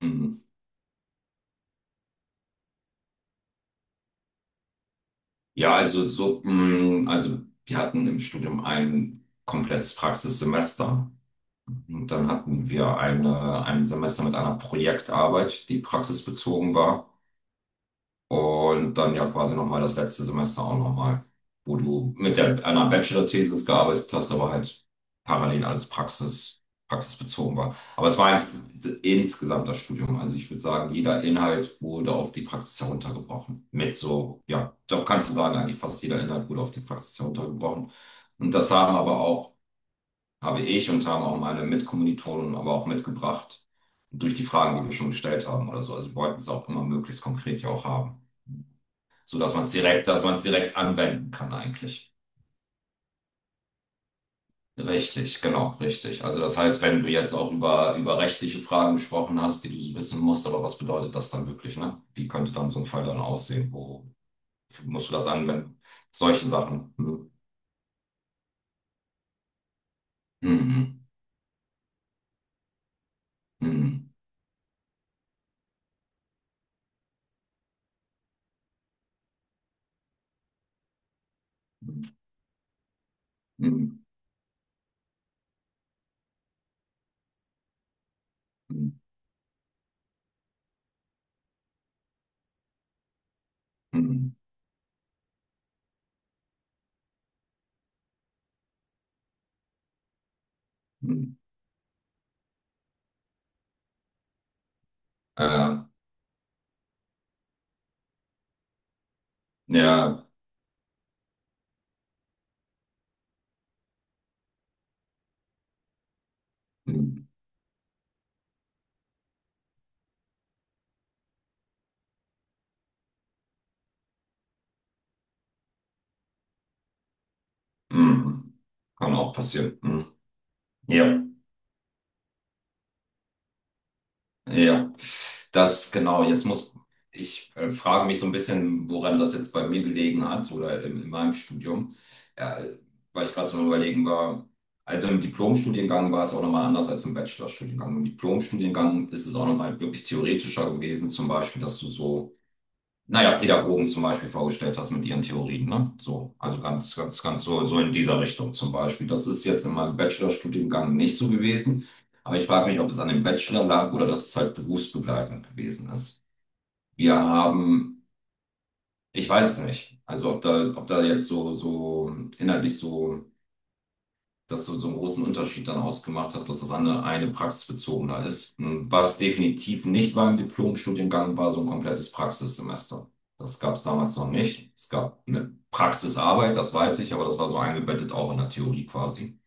Mhm. Ja, also so, also wir hatten im Studium ein komplettes Praxissemester und dann hatten wir ein Semester mit einer Projektarbeit, die praxisbezogen war. Und dann ja quasi nochmal das letzte Semester auch nochmal, wo du mit einer Bachelor-Thesis gearbeitet hast, aber halt parallel alles praxisbezogen war. Aber es war eigentlich insgesamt das Studium. Also ich würde sagen, jeder Inhalt wurde auf die Praxis heruntergebrochen. Mit so, ja, doch kannst du sagen, eigentlich fast jeder Inhalt wurde auf die Praxis heruntergebrochen. Und das haben aber auch, habe ich und haben auch meine Mitkommilitonen aber auch mitgebracht. Durch die Fragen, die wir schon gestellt haben oder so. Also wir wollten es auch immer möglichst konkret ja auch haben, sodass man es direkt anwenden kann eigentlich. Richtig, genau, richtig. Also das heißt, wenn du jetzt auch über rechtliche Fragen gesprochen hast, die du so wissen musst, aber was bedeutet das dann wirklich, ne? Wie könnte dann so ein Fall dann aussehen? Wo musst du das anwenden? Solche Sachen. Mhm. Mhm. Mhm. Mhm. Mhm. Mhm. Äh, ja, mhm. Mhm kann auch passieren. Mhm. Ja. Ja, das genau. Jetzt muss ich frage mich so ein bisschen, woran das jetzt bei mir gelegen hat oder in meinem Studium, ja, weil ich gerade so am Überlegen war. Also im Diplomstudiengang war es auch nochmal anders als im Bachelorstudiengang. Im Diplomstudiengang ist es auch nochmal wirklich theoretischer gewesen, zum Beispiel, dass du so naja, Pädagogen zum Beispiel vorgestellt hast mit ihren Theorien, ne? So, also ganz, ganz, ganz so, so in dieser Richtung zum Beispiel. Das ist jetzt in meinem Bachelorstudiengang nicht so gewesen, aber ich frage mich, ob es an dem Bachelor lag oder dass es halt berufsbegleitend gewesen ist. Wir haben, ich weiß es nicht, also ob da jetzt so, so inhaltlich so das so, so einen großen Unterschied dann ausgemacht hat, dass das eine praxisbezogener ist. Hm, was definitiv nicht beim Diplomstudiengang war, so ein komplettes Praxissemester. Das gab es damals noch nicht. Es gab eine Praxisarbeit, das weiß ich, aber das war so eingebettet auch in der Theorie quasi.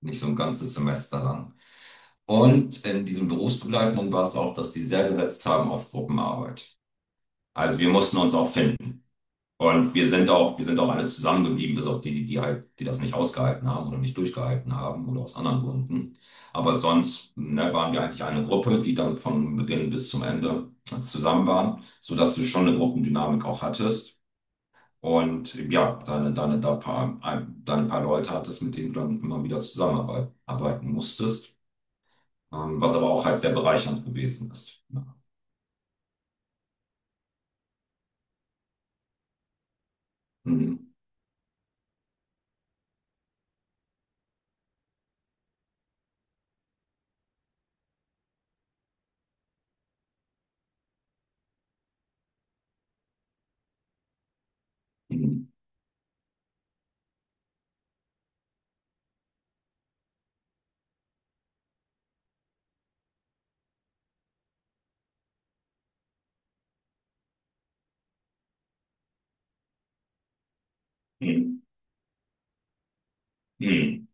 Nicht so ein ganzes Semester lang. Und in diesem Berufsbegleitenden war es auch, dass die sehr gesetzt haben auf Gruppenarbeit. Also wir mussten uns auch finden. Und wir sind auch alle zusammengeblieben, bis auf die halt, die das nicht ausgehalten haben oder nicht durchgehalten haben oder aus anderen Gründen. Aber sonst, ne, waren wir eigentlich eine Gruppe, die dann von Beginn bis zum Ende zusammen waren, sodass du schon eine Gruppendynamik auch hattest. Und ja, deine paar Leute hattest, mit denen du dann immer wieder zusammenarbeiten arbeiten musstest, was aber auch halt sehr bereichernd gewesen ist. Ja. Mhm. Mhm. Mhm. Mhm.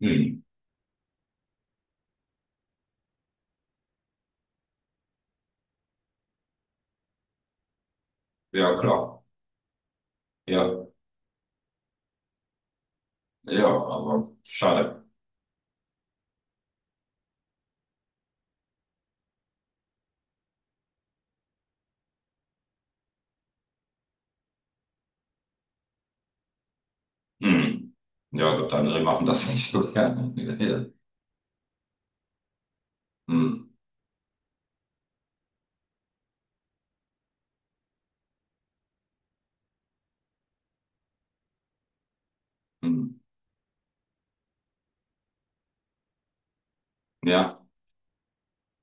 Mhm. Ja, klar. Ja. Ja, aber schade. Hm. Ja, gut, andere machen das nicht so gerne. Ja. Hm. Hm. Ja.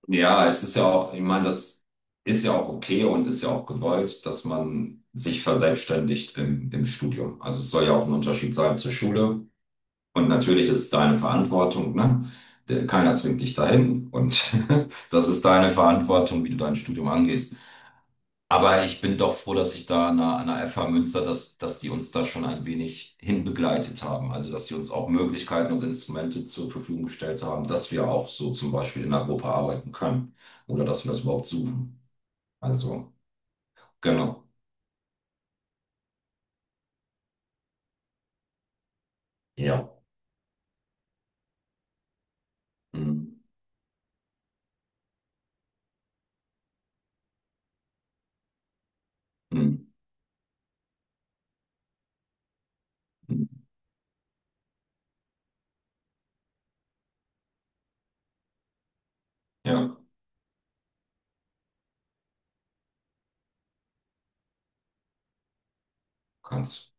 Ja, es ist ja auch, ich meine, das ist ja auch okay und ist ja auch gewollt, dass man sich verselbstständigt im Studium. Also es soll ja auch ein Unterschied sein zur Schule. Und natürlich ist es deine Verantwortung, ne? Der- Keiner zwingt dich dahin. Und das ist deine Verantwortung, wie du dein Studium angehst. Aber ich bin doch froh, dass ich da an der FH Münster, dass die uns da schon ein wenig hinbegleitet haben. Also, dass sie uns auch Möglichkeiten und Instrumente zur Verfügung gestellt haben, dass wir auch so zum Beispiel in einer Gruppe arbeiten können oder dass wir das überhaupt suchen. Also, genau. Ja. Hm, hm, hm. Ja, kannst.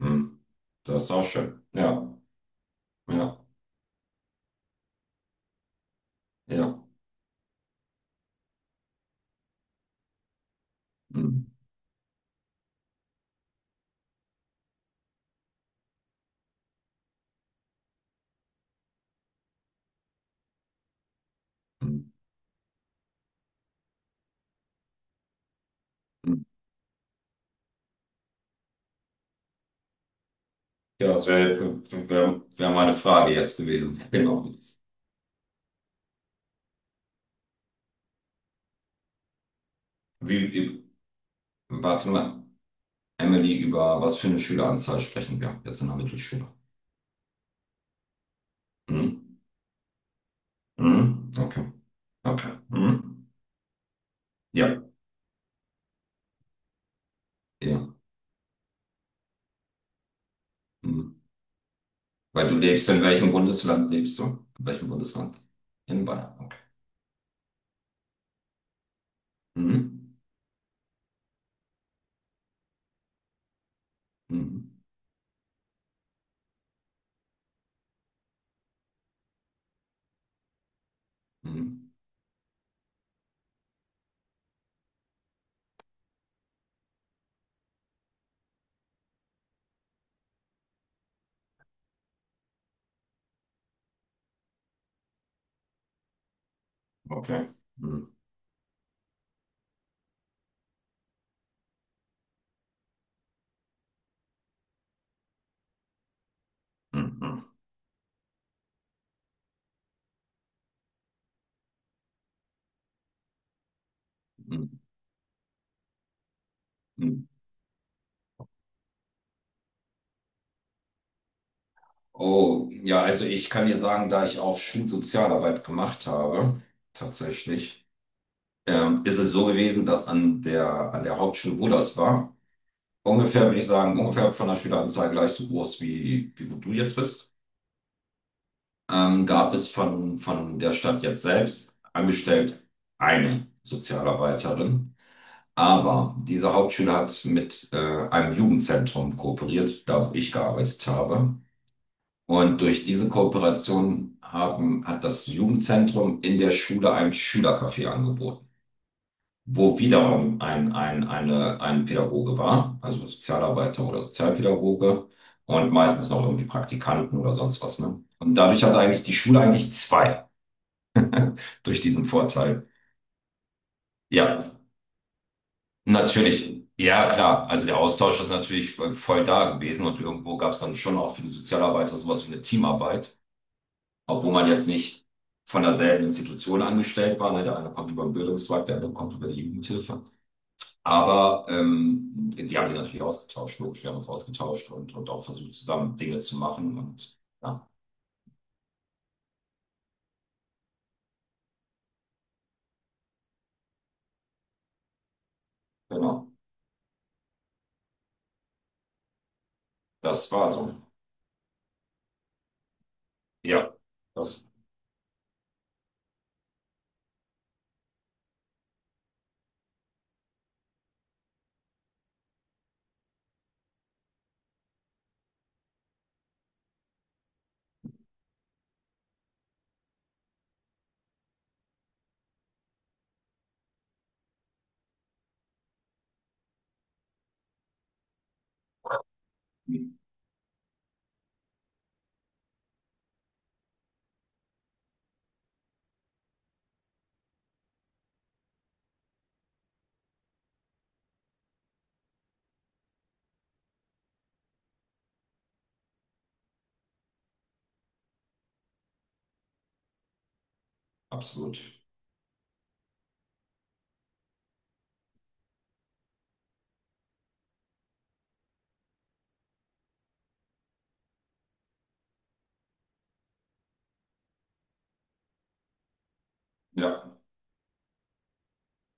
Hm. Das ist auch schön. Ja, ja, ja. Hm, hm, hm. Ja, das wäre wär, wär wär meine Frage jetzt gewesen. Genau. Wie, wie, warte mal. Emily, über was für eine Schüleranzahl sprechen wir jetzt in der Mittelschule? Hm? Hm? Okay, okay. Hm? Ja, ja. Hm. Weil du lebst, in welchem Bundesland lebst du? In welchem Bundesland? In Bayern, okay. Hm? Hm? Hm? Hm? Okay. Hm? Hm? Hm? Hm? Hm? Oh, ja, also ich kann dir sagen, da ich auch Schulsozialarbeit gemacht habe, tatsächlich, ist es so gewesen, dass an der Hauptschule, wo das war, ungefähr, würde ich sagen, ungefähr von der Schüleranzahl gleich so groß wie wo du jetzt bist, gab es von der Stadt jetzt selbst angestellt eine Sozialarbeiterin. Aber diese Hauptschule hat mit einem Jugendzentrum kooperiert, da wo ich gearbeitet habe. Und durch diese Kooperation hat das Jugendzentrum in der Schule ein Schülercafé angeboten, wo wiederum ein Pädagoge war, also Sozialarbeiter oder Sozialpädagoge und meistens noch irgendwie Praktikanten oder sonst was, ne? Und dadurch hatte eigentlich die Schule eigentlich zwei durch diesen Vorteil. Ja, natürlich. Ja, klar. Also der Austausch ist natürlich voll da gewesen und irgendwo gab es dann schon auch für die Sozialarbeiter sowas wie eine Teamarbeit, obwohl man jetzt nicht von derselben Institution angestellt war. Ne? Der eine kommt über den Bildungszweig, der andere kommt über die Jugendhilfe. Aber die haben sich natürlich ausgetauscht, logisch. Wir haben uns ausgetauscht und auch versucht, zusammen Dinge zu machen. Und ja, genau, das war so. Ja, das absolut. Ja.